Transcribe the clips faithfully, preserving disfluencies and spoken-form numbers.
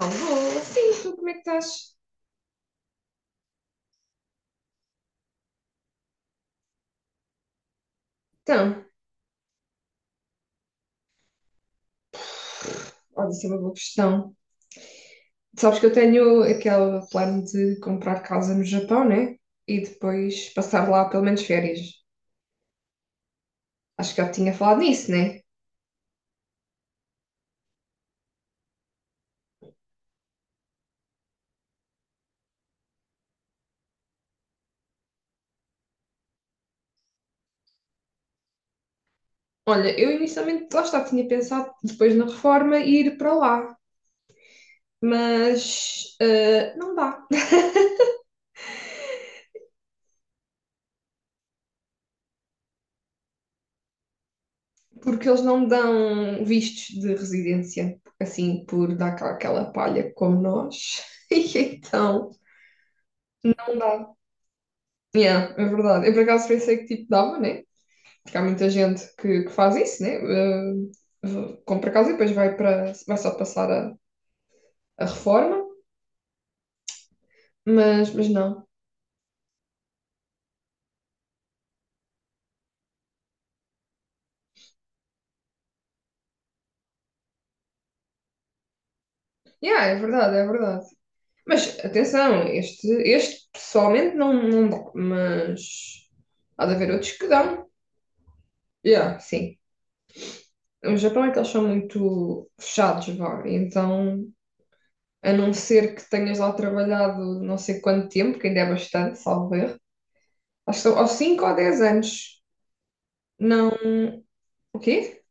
Não, vou. Sim, tu como é que estás? Então, olha, isso é uma boa questão. Sabes que eu tenho aquele plano de comprar casa no Japão, né? E depois passar lá pelo menos férias. Acho que já tinha falado nisso, né? Olha, eu inicialmente lá está, tinha pensado depois na reforma ir para lá, mas eh, não dá. Porque eles não dão vistos de residência, assim, por dar cá aquela palha como nós. E então, não dá. Yeah, é verdade. Eu por acaso pensei que tipo dava, né? Porque há muita gente que, que faz isso, né? Eh, compra casa e depois vai para, vai só passar a, a reforma, mas, mas não. Yeah, é verdade, é verdade. Mas atenção, este, este pessoalmente não, não dá, mas há de haver outros que dão. Yeah, sim. O Japão é que eles são muito fechados, vá. Então, a não ser que tenhas lá trabalhado não sei quanto tempo, que ainda é bastante, salvo erro. Acho que são aos cinco ou dez anos. Não. O quê?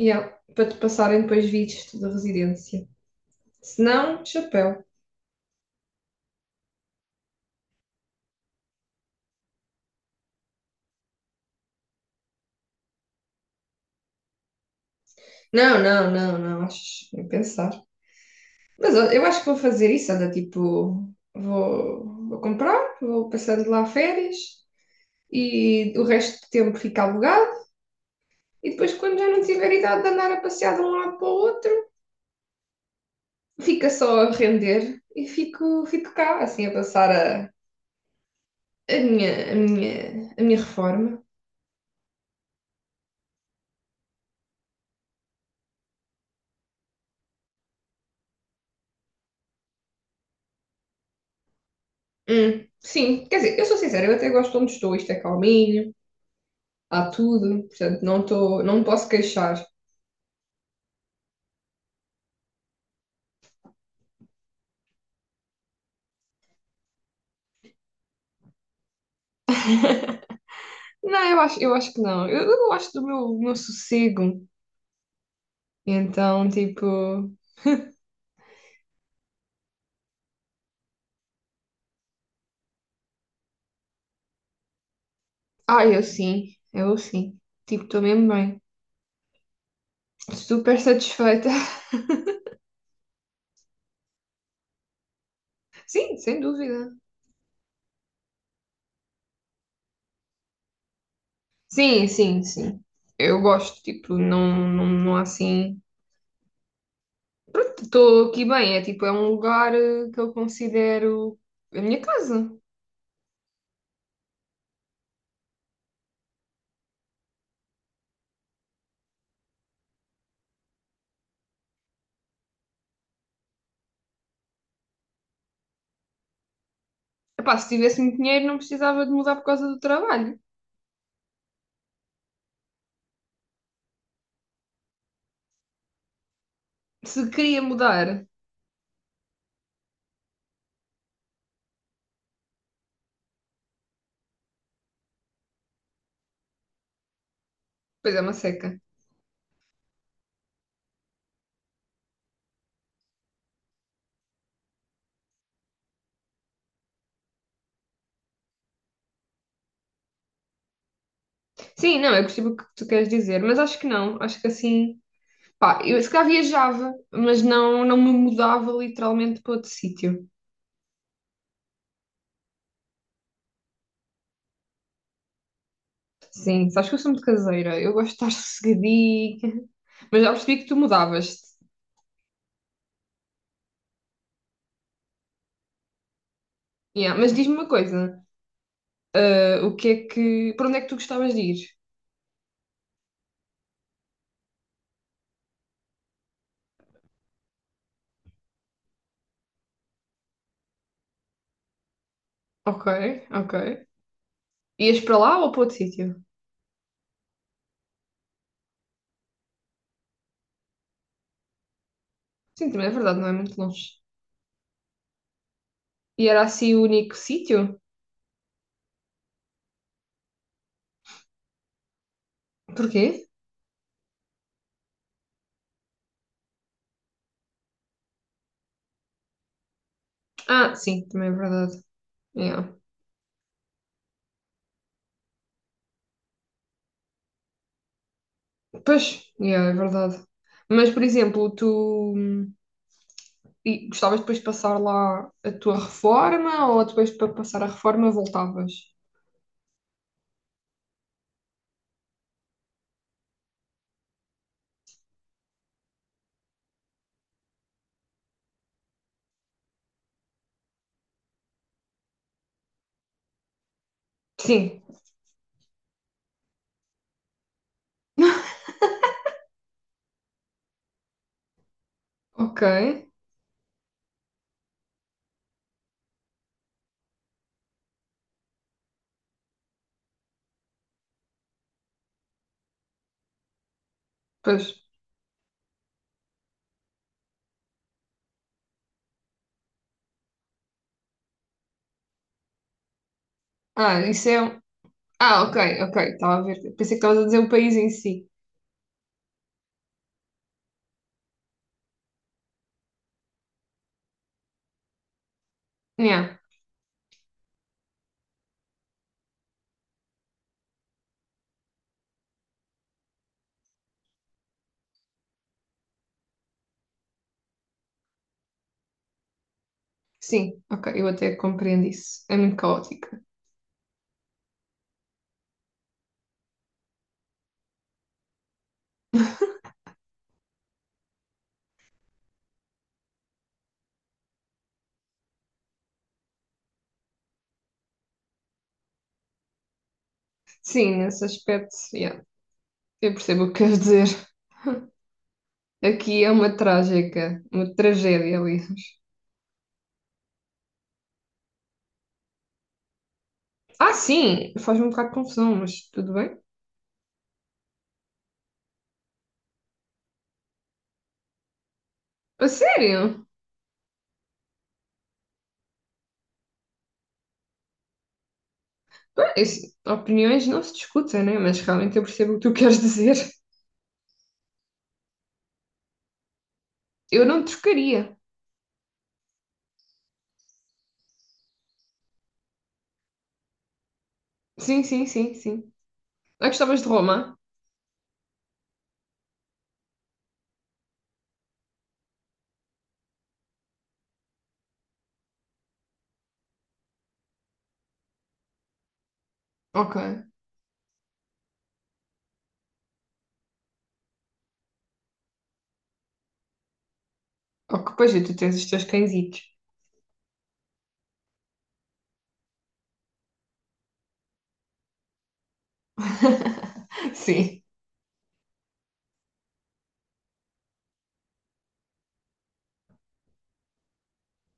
Yeah. Para te passarem depois vistos da residência. Se não, chapéu. Não, não, não, não. Acho nem pensar. Mas ó, eu acho que vou fazer isso. Olha, tipo, vou, vou comprar, vou passando lá férias e o resto do tempo fica alugado. E depois, quando já não tiver idade de andar a passear de um lado para o outro, fica só a render e fico, fico cá, assim, a passar a, a minha, a minha, a minha reforma. Hum, sim, quer dizer, eu sou sincera, eu até gosto de onde estou, isto é calminho, há tudo, portanto, não estou, não me posso queixar. Não, eu acho, eu acho que não, eu, eu gosto do meu, do meu sossego, então, tipo, ah, eu sim, eu sim, tipo, estou mesmo bem, super satisfeita. Sim, sem dúvida. Sim, sim, sim, eu gosto, tipo, não, não, não há assim, pronto, estou aqui bem, é tipo, é um lugar eh, que eu considero a minha casa. Epá, se tivesse muito dinheiro, não precisava de mudar por causa do trabalho. Se queria mudar, pois é uma seca. Sim, não, eu percebo o que tu queres dizer, mas acho que não. Acho que assim, pá, eu se calhar viajava, mas não, não me mudava literalmente para outro sítio. Sim, sabes que eu sou muito caseira, eu gosto de estar sossegadinha, mas já percebi que tu mudavas-te. Yeah, mas diz-me uma coisa, eh, o que é que, para onde é que tu gostavas de ir? Ok, ok. Ias para lá ou para outro sítio? Sim, também é verdade, não é muito longe. E era assim o único sítio? Porquê? Ah, sim, também é verdade. Yeah. Pois, yeah, é verdade. Mas, por exemplo, tu hum, e gostavas depois de passar lá a tua reforma ou depois para passar a reforma voltavas? Sim, ok. Pois. Ah, isso é. Um- ah, ok, ok, estava a ver. Pensei que estavas a dizer o país em si. Yeah. Sim, ok, eu até compreendo isso. É muito caótica. Sim, nesse aspecto, yeah, eu percebo o que queres dizer. Aqui é uma trágica, uma tragédia, aliás. Ah, sim, faz-me um bocado de confusão, mas tudo bem. A sério? Bem, isso- opiniões não se discutem, né? Mas realmente eu percebo o que tu queres dizer. Eu não trocaria. Sim, sim, sim, sim. Ah, gostavas de Roma? Ok. Ok, pois é, tu tens os teus cãezitos. Sim.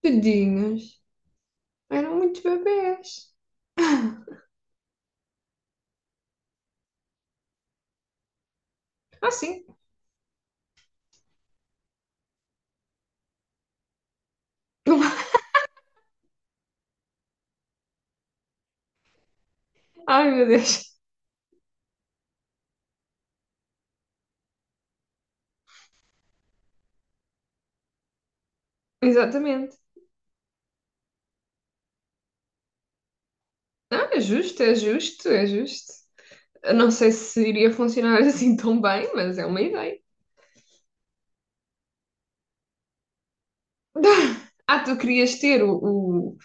Tadinhos. Eram muitos bebés. Ah, sim. Ai, meu Deus. Exatamente. Não, é justo, é justo, é justo. Eu não sei se iria funcionar assim tão bem, mas é uma ideia. Ah, tu querias ter o, o,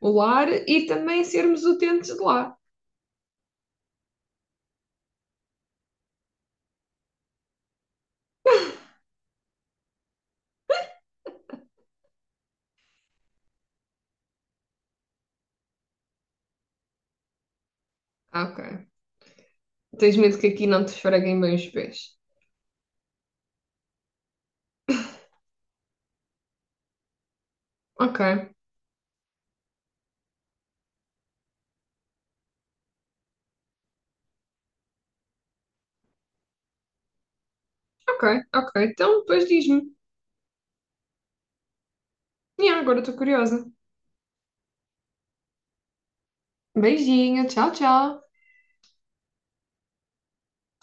o lar e também sermos utentes de lá. Ah, ok. Tens medo que aqui não te esfreguem bem os pés. Ok, ok, ok. Então, depois diz-me. E agora estou curiosa. Beijinho, tchau, tchau.